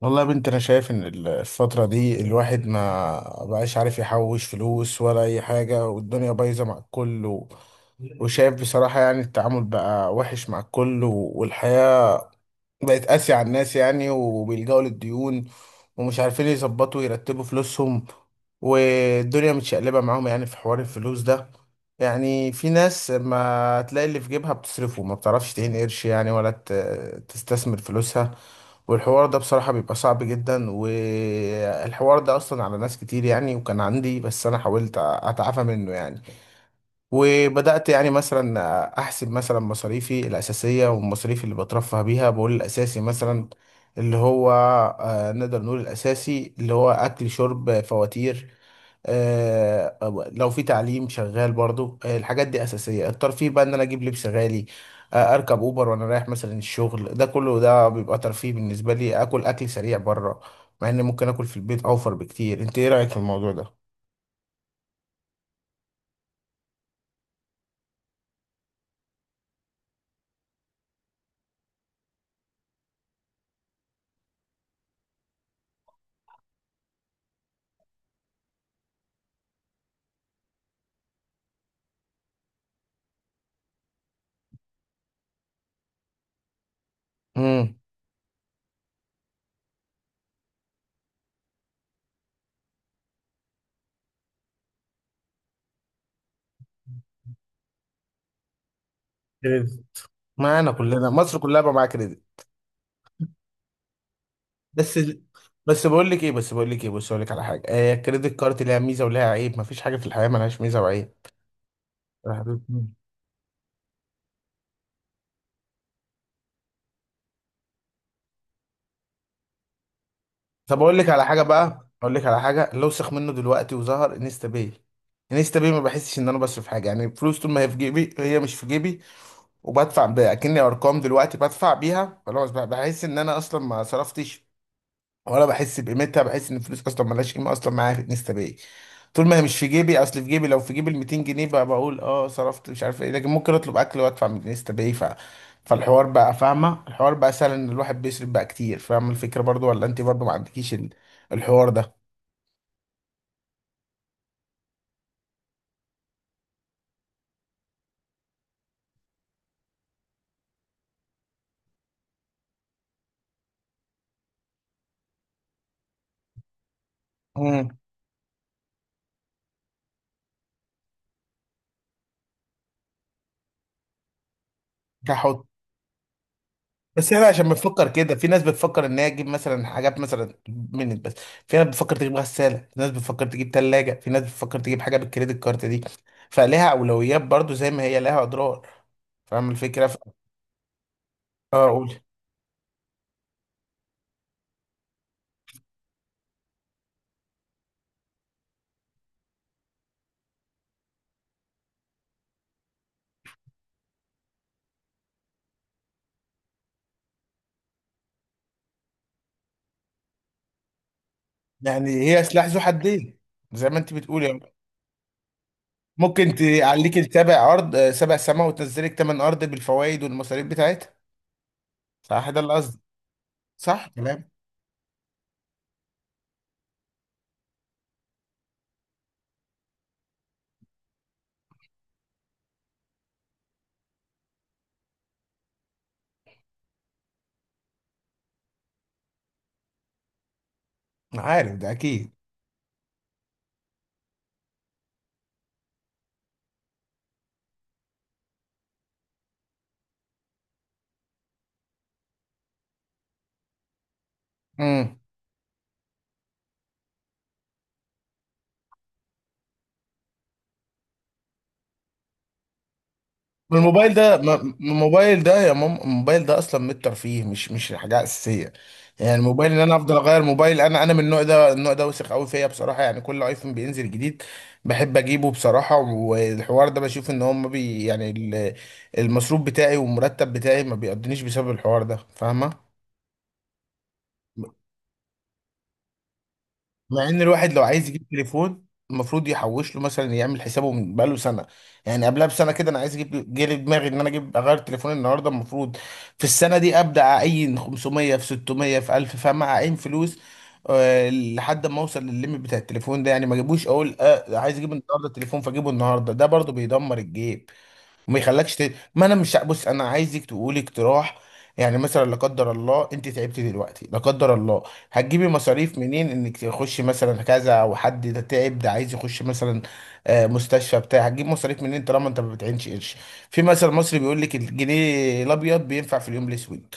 والله يا بنت، انا شايف ان الفترة دي الواحد ما بقاش عارف يحوش فلوس ولا اي حاجة، والدنيا بايظة مع الكل وشايف بصراحة يعني التعامل بقى وحش مع الكل والحياة بقت قاسية على الناس يعني، وبيلجأوا للديون ومش عارفين يظبطوا يرتبوا فلوسهم، والدنيا متشقلبة معاهم يعني في حوار الفلوس ده. يعني في ناس ما تلاقي اللي في جيبها بتصرفه، ما بتعرفش تعين قرش يعني، ولا تستثمر فلوسها. والحوار ده بصراحة بيبقى صعب جدا، والحوار ده أصلا على ناس كتير يعني، وكان عندي، بس أنا حاولت أتعافى منه يعني. وبدأت يعني مثلا أحسب مثلا مصاريفي الأساسية والمصاريف اللي بترفه بيها. بقول الأساسي مثلا اللي هو نقدر نقول الأساسي اللي هو أكل شرب فواتير. لو في تعليم شغال برضو، الحاجات دي أساسية. الترفيه بقى إن أنا أجيب لبس غالي، أركب أوبر وأنا رايح مثلا الشغل، ده كله ده بيبقى ترفيه بالنسبة لي. أكل أكل سريع بره، مع إن ممكن أكل في البيت أوفر بكتير. أنت إيه رأيك في الموضوع ده؟ مم. معانا كلنا، مصر كلها بقى معاها كريدت. بس بس بقول لك ايه، بس بقول لك ايه، بص اقول لك على حاجه، آه الكريدت كارت ليها ميزه وليها عيب، مفيش حاجه في الحياه ملهاش ميزه وعيب. طب اقول لك على حاجه بقى، اقول لك على حاجه، لو سخ منه دلوقتي وظهر انستا باي. انستا باي، ما بحسش ان انا بصرف حاجه يعني، فلوس طول ما هي في جيبي، هي مش في جيبي. وبدفع بأكني ارقام دلوقتي، بدفع بيها خلاص بقى، بحس ان انا اصلا ما صرفتش ولا بحس بقيمتها. بحس ان الفلوس اصلا ملهاش قيمه اصلا معايا في انستا باي. طول ما هي مش في جيبي، اصل في جيبي، لو في جيبي ال 200 جنيه بقى بقول اه صرفت مش عارف ايه، لكن ممكن اطلب اكل وادفع من انستا باي. فالحوار بقى، فاهمه الحوار بقى سهل ان الواحد بيصرف بقى كتير، فاهمه الفكره برضو؟ ولا انت برضو ما عندكيش الحوار ده؟ امم. كحط. بس احنا عشان بنفكر كده، في ناس بتفكر ان هي تجيب مثلا حاجات مثلا من بس، في ناس بتفكر تجيب غساله، في ناس بتفكر تجيب ثلاجه، في ناس بتفكر تجيب حاجه بالكريدت كارت دي، فلها اولويات برضو زي ما هي لها اضرار. فاهم الفكرة؟ اه قول. يعني هي سلاح ذو حدين، زي ما انت بتقول يعني. ممكن تعليك السبع ارض، سبع سماء، وتنزلك تمن ارض بالفوائد والمصاريف بتاعتها. صح، ده اللي قصدي. صح كلام. أنا عارف ده اكيد. مم. ما الموبايل ده ما ما الموبايل ده يا ماما، الموبايل ده اصلا من الترفيه، مش حاجه اساسيه. يعني الموبايل ان انا افضل اغير موبايل، انا من النوع ده وسخ قوي فيا بصراحه، يعني كل ايفون بينزل جديد بحب اجيبه بصراحه. والحوار ده بشوف ان هم بي يعني المصروف بتاعي والمرتب بتاعي ما بيقضنيش بسبب الحوار ده، فاهمه. مع ان الواحد لو عايز يجيب تليفون، المفروض يحوش له، مثلا يعمل حسابه من بقاله سنه، يعني قبلها بسنه كده. انا عايز اجيب، جه لي دماغي ان انا اجيب اغير تليفوني النهارده، المفروض في السنه دي ابدا اعين 500 في 600 في 1000، فاهم، اعين فلوس لحد ما اوصل للليميت بتاع التليفون ده، يعني ما اجيبوش اقول آه عايز اجيب النهارده التليفون فاجيبه النهارده، ده برضو بيدمر الجيب وما يخلكش ما انا مش بص، انا عايزك تقولي اقتراح. يعني مثلا، لا قدر الله انت تعبتي دلوقتي، لا قدر الله، هتجيبي مصاريف منين انك تخشي مثلا كذا؟ او حد ده تعب ده عايز يخش مثلا مستشفى بتاع، هتجيب مصاريف منين طالما انت ما بتعينش قرش؟ في مثل مصري بيقول لك الجنيه الابيض بينفع في اليوم الاسود.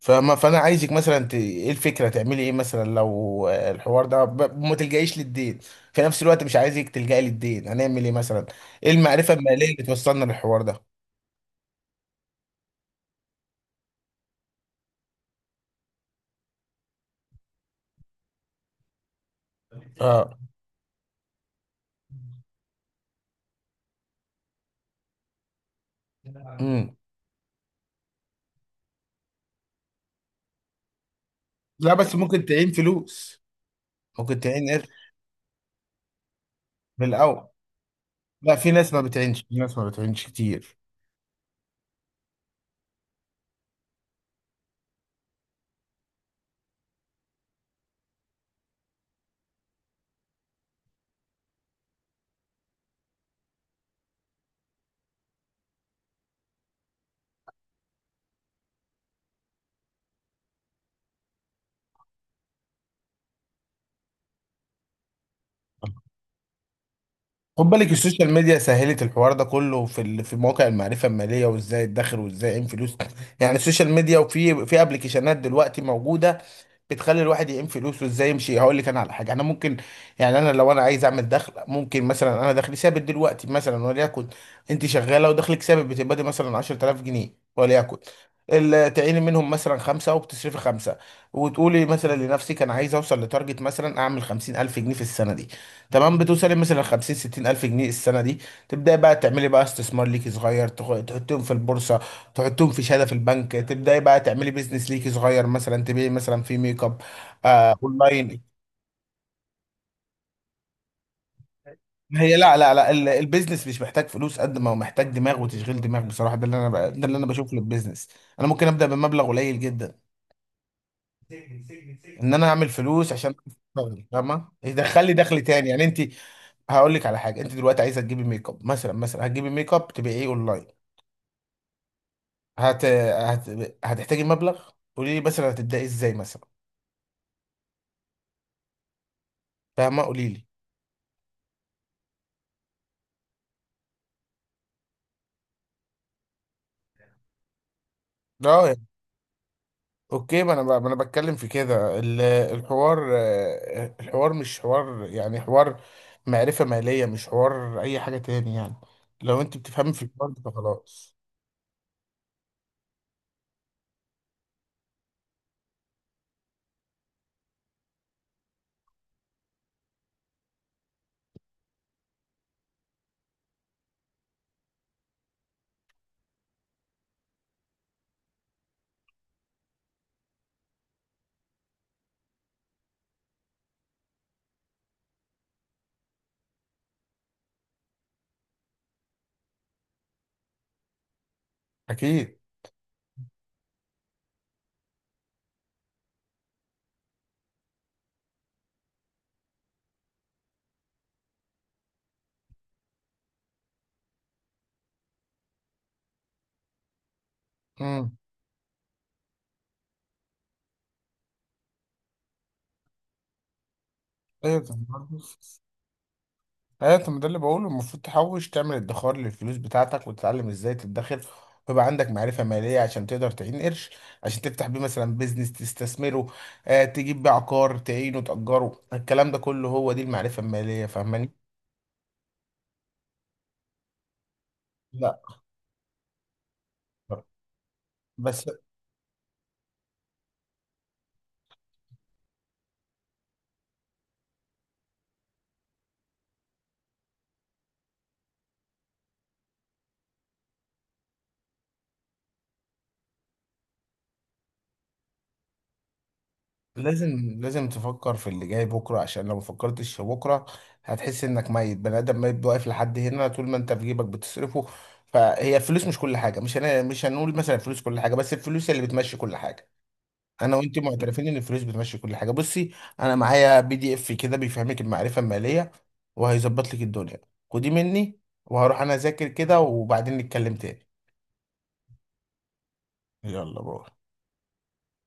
فما فانا عايزك مثلا ايه الفكره، تعملي ايه مثلا لو الحوار ده ما تلجئيش للدين؟ في نفس الوقت مش عايزك تلجئي للدين، هنعمل ايه مثلا؟ ايه المعرفه الماليه اللي توصلنا للحوار ده؟ اه. امم. لا بس ممكن تعين فلوس، ممكن تعين قرش في الاول. لا، في ناس ما بتعينش، في ناس ما بتعينش كتير. خد بالك، السوشيال ميديا سهلت الحوار ده كله، في في مواقع المعرفه الماليه وازاي ادخر وازاي اعمل فلوس. يعني السوشيال ميديا، وفي ابلكيشنات دلوقتي موجوده بتخلي الواحد يقيم فلوسه ازاي يمشي. هقول لك انا على حاجه، انا ممكن يعني، انا لو عايز اعمل دخل، ممكن مثلا انا دخلي ثابت دلوقتي مثلا، وليكن انت شغاله ودخلك ثابت بتبقى مثلا 10000 جنيه، وليكن تعيني منهم مثلا خمسة وبتصرفي خمسة، وتقولي مثلا لنفسك أنا عايز أوصل لتارجت، مثلا أعمل 50 ألف جنيه في السنة دي. تمام، بتوصلي مثلا 50 60 الف جنيه السنه دي، تبداي بقى تعملي بقى استثمار ليكي صغير، تحطيهم في البورصه، تحطيهم في شهاده في البنك، تبداي بقى تعملي بيزنس ليكي صغير، مثلا تبيعي مثلا في ميك اب، آه اونلاين. هي، لا لا لا، البيزنس مش محتاج فلوس قد ما هو محتاج دماغ وتشغيل دماغ بصراحه، ده اللي انا ده اللي انا بشوفه للبيزنس. انا ممكن ابدا بمبلغ قليل جدا ان انا اعمل فلوس عشان اشتغل، فاهمه، يدخل لي دخل تاني، يعني انت. هقول لك على حاجه، انت دلوقتي عايزه تجيبي ميك اب مثلا هتجيبي ميك اب تبقى ايه اونلاين، هت... هت... هتحتاجي مبلغ. قولي لي مثلا هتبداي ازاي مثلا؟ فاهمه، قولي لي. اه يعني. اوكي، ما انا بتكلم في كده، الحوار الحوار مش حوار يعني، حوار معرفه ماليه، مش حوار اي حاجه تاني يعني. لو انت بتفهمي في الحوار ده فخلاص. اكيد. امم. ايوه. ايوه ما ده اللي بقوله، المفروض تحوش، تعمل ادخار للفلوس بتاعتك وتتعلم ازاي تدخر، ويبقى عندك معرفة مالية عشان تقدر تعين قرش، عشان تفتح بيه مثلا بيزنس تستثمره، آه تجيب بيه عقار تعينه تأجره. الكلام ده كله هو دي المعرفة المالية، فاهماني؟ لا بس، لازم لازم تفكر في اللي جاي بكرة، عشان لو مفكرتش في بكرة هتحس انك ميت، بني ادم ميت واقف لحد هنا طول ما انت في جيبك بتصرفه. فهي الفلوس مش كل حاجة، مش مش هنقول مثلا الفلوس كل حاجة، بس الفلوس هي اللي بتمشي كل حاجة. انا وانت معترفين ان الفلوس بتمشي كل حاجه. بصي، انا معايا بي دي اف كده بيفهمك المعرفه الماليه وهيظبط لك الدنيا، خديه مني، وهروح انا اذاكر كده وبعدين نتكلم تاني. يلا باي.